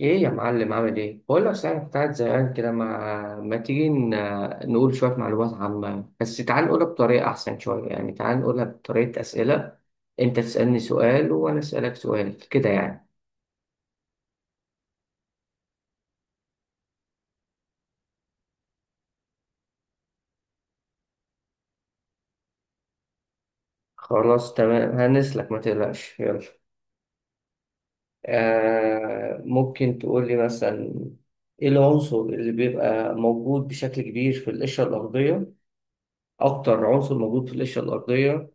ايه يا معلم عامل ايه؟ بقول لك صحيح، أنا كنت قاعد زهقان كده. ما تيجي نقول شوية معلومات عامة، بس تعال نقولها بطريقة أحسن شوية، يعني تعال نقولها بطريقة أسئلة. أنت تسألني سؤال وأنا أسألك سؤال كده يعني. خلاص تمام، هنسلك ما تقلقش، يلا. آه، ممكن تقول لي مثلا ايه العنصر اللي بيبقى موجود بشكل كبير في القشرة الأرضية؟ أكتر عنصر موجود في القشرة الأرضية.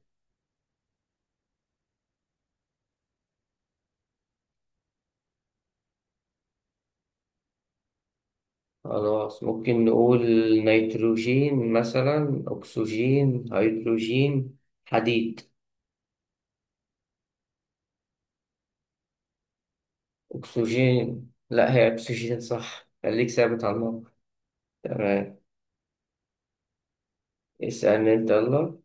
خلاص ممكن نقول نيتروجين مثلا، أكسجين، هيدروجين، حديد. أكسجين، لا هي أكسجين صح، خليك ثابت على النقطة. تمام، اسألني أنت، يلا.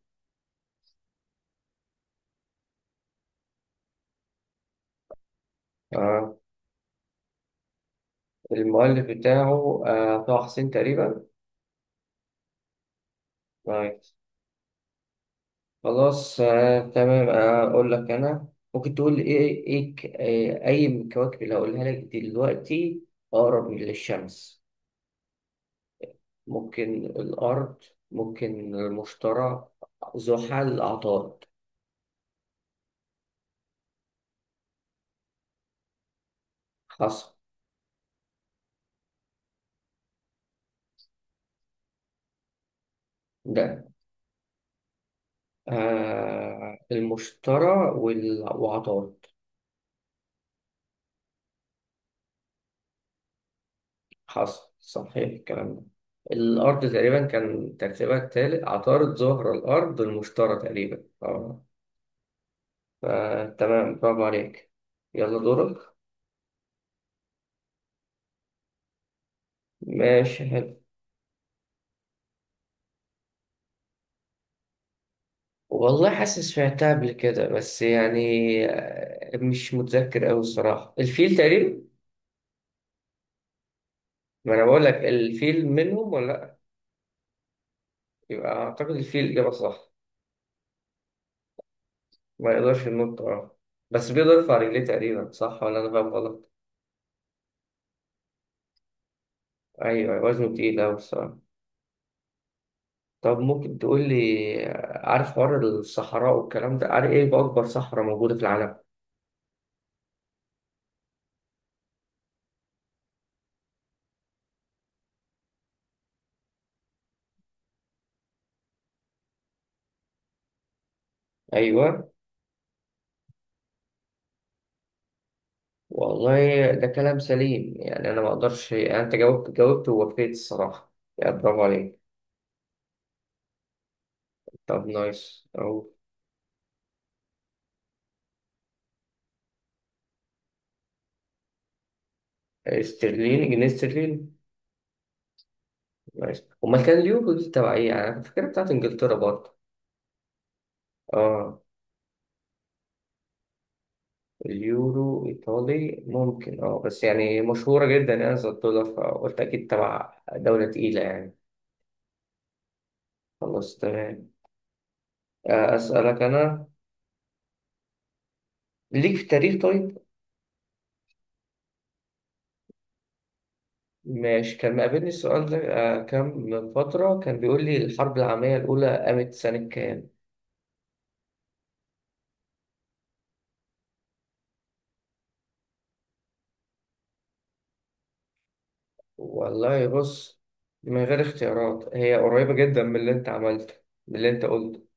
آه. المؤلف بتاعه طه حسين تقريبا. طيب، خلاص تمام. أقول لك أنا، ممكن تقول إيه أي من الكواكب اللي هقولها لك دلوقتي أقرب للشمس؟ ممكن الأرض، ممكن المشترى، زحل، عطارد. حصل. ده آه، المشترى وعطارد. حصل، صحيح الكلام ده. الأرض تقريبا كان ترتيبها التالت، عطارد، زهرة، الأرض، المشترى تقريبا، اه. فتمام، برافو عليك. يلا دورك. ماشي حلو. والله حاسس سمعتها قبل كده، بس يعني مش متذكر أوي الصراحة، الفيل تقريبا. ما انا بقول لك الفيل منهم ولا لا. يبقى اعتقد الفيل الاجابه صح. ما يقدرش ينط، اه. بس بيقدر يرفع رجليه تقريبا، صح ولا انا فاهم غلط؟ ايوه وزنه تقيل قوي الصراحه. طب ممكن تقول لي، عارف حوار الصحراء والكلام ده، عارف ايه اكبر صحراء موجوده في العالم؟ ايوه. والله ده كلام سليم يعني، انا ما اقدرش يعني، انت جاوبت ووفيت الصراحه يعني، برافو عليك. طب نايس او. استرليني، جنيه استرليني. نايس، امال كان اليورو دي تبع ايه يعني؟ انا فاكرها بتاعت انجلترا برضه. اه. اليورو ايطالي ممكن، اه، بس يعني مشهورة جدا يعني، زي الدولار، فقلت اكيد تبع دولة تقيلة يعني. خلاص تمام. اسألك انا، ليك في التاريخ طيب؟ ماشي. كان مقابلني السؤال ده كام من فترة، كان بيقول لي الحرب العالمية الأولى قامت سنة كام؟ والله بص، من غير اختيارات هي قريبة جدا من اللي انت عملته، من اللي انت قلته.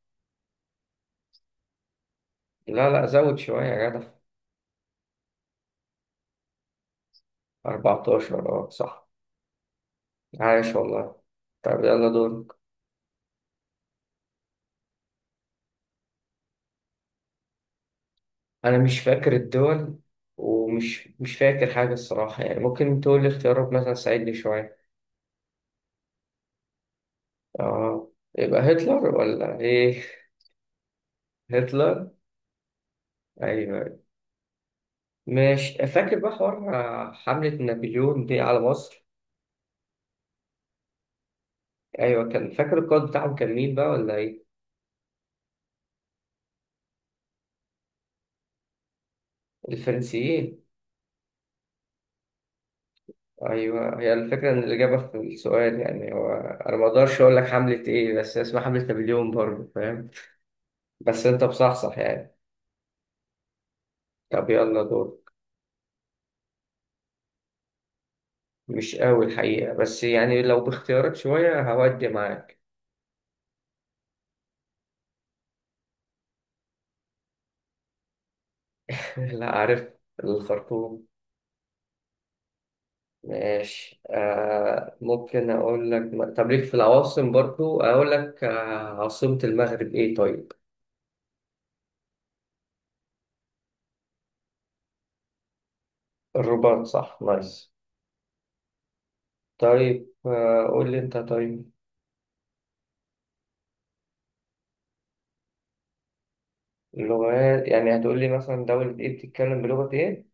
لا لا، زود شوية يا جدع. 14 اه، صح. عايش والله. طب يلا دور. انا مش فاكر الدول، ومش مش فاكر حاجه الصراحه يعني، ممكن تقول لي اختيارات مثلا تساعدني شويه. اه، يبقى هتلر ولا ايه؟ هتلر. ايوه. مش فاكر بقى حوار حمله نابليون دي على مصر. ايوه، كان فاكر القائد بتاعهم كان مين بقى، ولا ايه؟ الفرنسيين. ايوه، هي الفكره ان الاجابه في السؤال يعني، هو انا ما اقدرش اقول لك حمله ايه، بس هي اسمها حمله نابليون برضه، فاهم. بس انت بصحصح يعني. طب يلا دور. مش قوي الحقيقة، بس يعني لو باختيارات شوية هودي معاك. لا عارف، الخرطوم. ماشي، آه، ممكن أقول لك، طب ليك في العواصم برضو، أقول لك آه، عاصمة المغرب إيه طيب؟ الرباط صح، نايس. طيب قول لي أنت طيب. لغات يعني هتقول لي مثلا دولة إيه بتتكلم بلغة إيه؟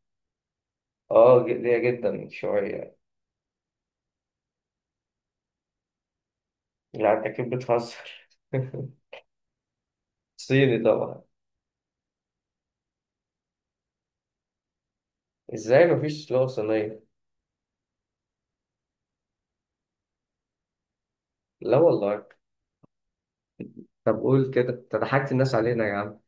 ليا جدا شوية. لا أنت أكيد بتهزر. صيني طبعا. إزاي مفيش لغة صينية؟ لا والله. طب قول كده، انت ضحكت الناس علينا يا عم.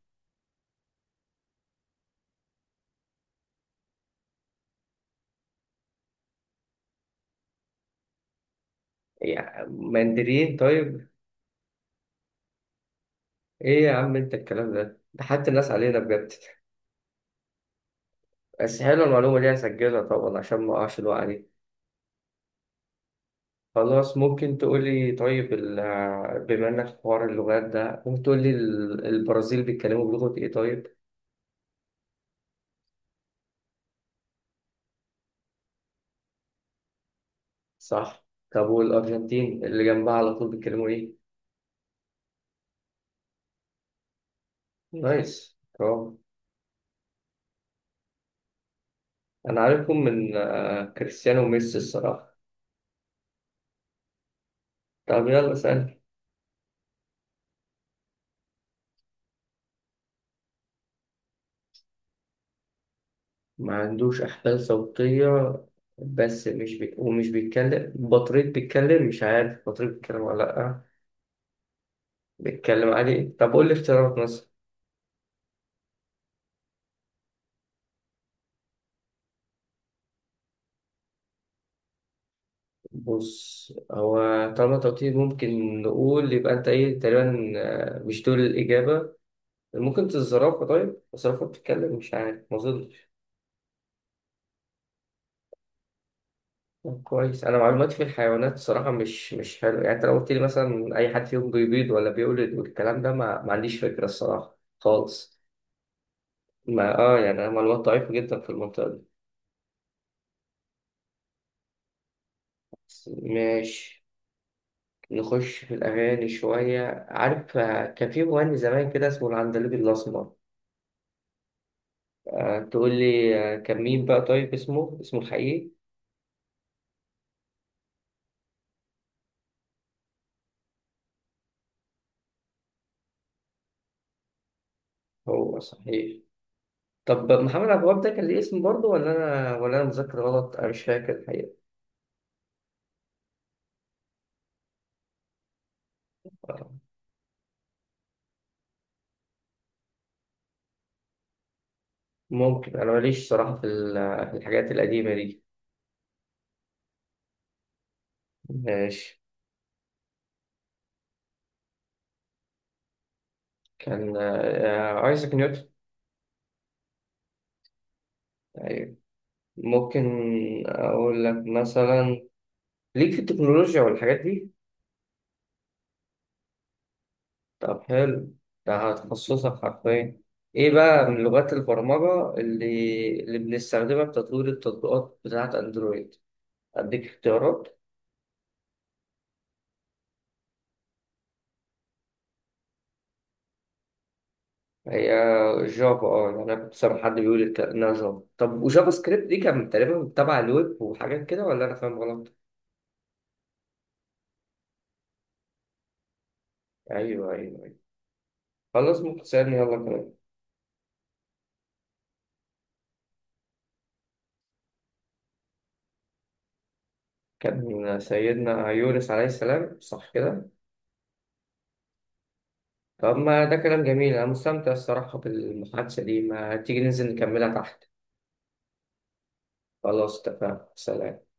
يا مندرين طيب. ايه يا عم انت الكلام ده ضحكت الناس علينا بجد. بس حلوه المعلومه دي، هسجلها طبعا عشان ما اقعش الوقعه دي. خلاص ممكن تقولي، طيب بما انك في حوار اللغات ده ممكن تقولي البرازيل بيتكلموا بلغة ايه طيب؟ صح. طب والارجنتين اللي جنبها على طول بيتكلموا ايه؟ نايس، برافو. انا عارفكم من كريستيانو وميسي الصراحه. طب يلا سأل. ما عندوش أحبال صوتية، بس مش بي... ومش بيتكلم بطريق، بيتكلم مش عارف بطريق، بيتكلم ولا لأ؟ بيتكلم عادي. طب قول لي اختيارات مثلا. بص هو، طالما توتيل ممكن نقول، يبقى أنت إيه تقريبا، مش دول الإجابة. ممكن الزرافة. طيب الزرافة بتتكلم؟ مش عارف، ما أظنش. طب كويس، أنا معلوماتي في الحيوانات صراحة مش حلو يعني. أنت لو قلت لي مثلا أي حد فيهم بيبيض ولا بيولد والكلام ده، ما عنديش فكرة الصراحة خالص. ما اه، يعني معلومات ضعيفة جدا في المنطقة دي. بس ماشي. نخش في الأغاني شوية، عارف كان في مغني زمان كده اسمه العندليب الأسمر. تقول لي كان مين بقى طيب، اسمه الحقيقي؟ هو صحيح. طب محمد عبد الوهاب ده كان ليه اسم برضه، ولا أنا مذاكر غلط؟ أنا مش فاكر الحقيقة. آه، ممكن أنا ماليش صراحة في في الحاجات القديمة دي. ماشي. كان آيزاك نيوتن. أيوة. ممكن أقول لك مثلا، ليك في التكنولوجيا والحاجات دي؟ طب حلو، ده هتخصصك حرفيا. ايه بقى من لغات البرمجة اللي بنستخدمها في تطوير التطبيقات بتاعة اندرويد؟ اديك اختيارات. هي جافا، اه. يعني انا كنت سامع حد بيقول انها جافا. طب وجافا سكريبت دي كان تقريبا تبع الويب وحاجات كده، ولا انا فاهم غلط؟ ايوه، ايوه، أيوة. خلاص ممكن تسألني يلا كمان. كان سيدنا يونس عليه السلام، صح كده. طب ما ده كلام جميل، أنا مستمتع الصراحة بالمحادثة دي، ما تيجي ننزل نكملها تحت. خلاص اتفقنا، سلام.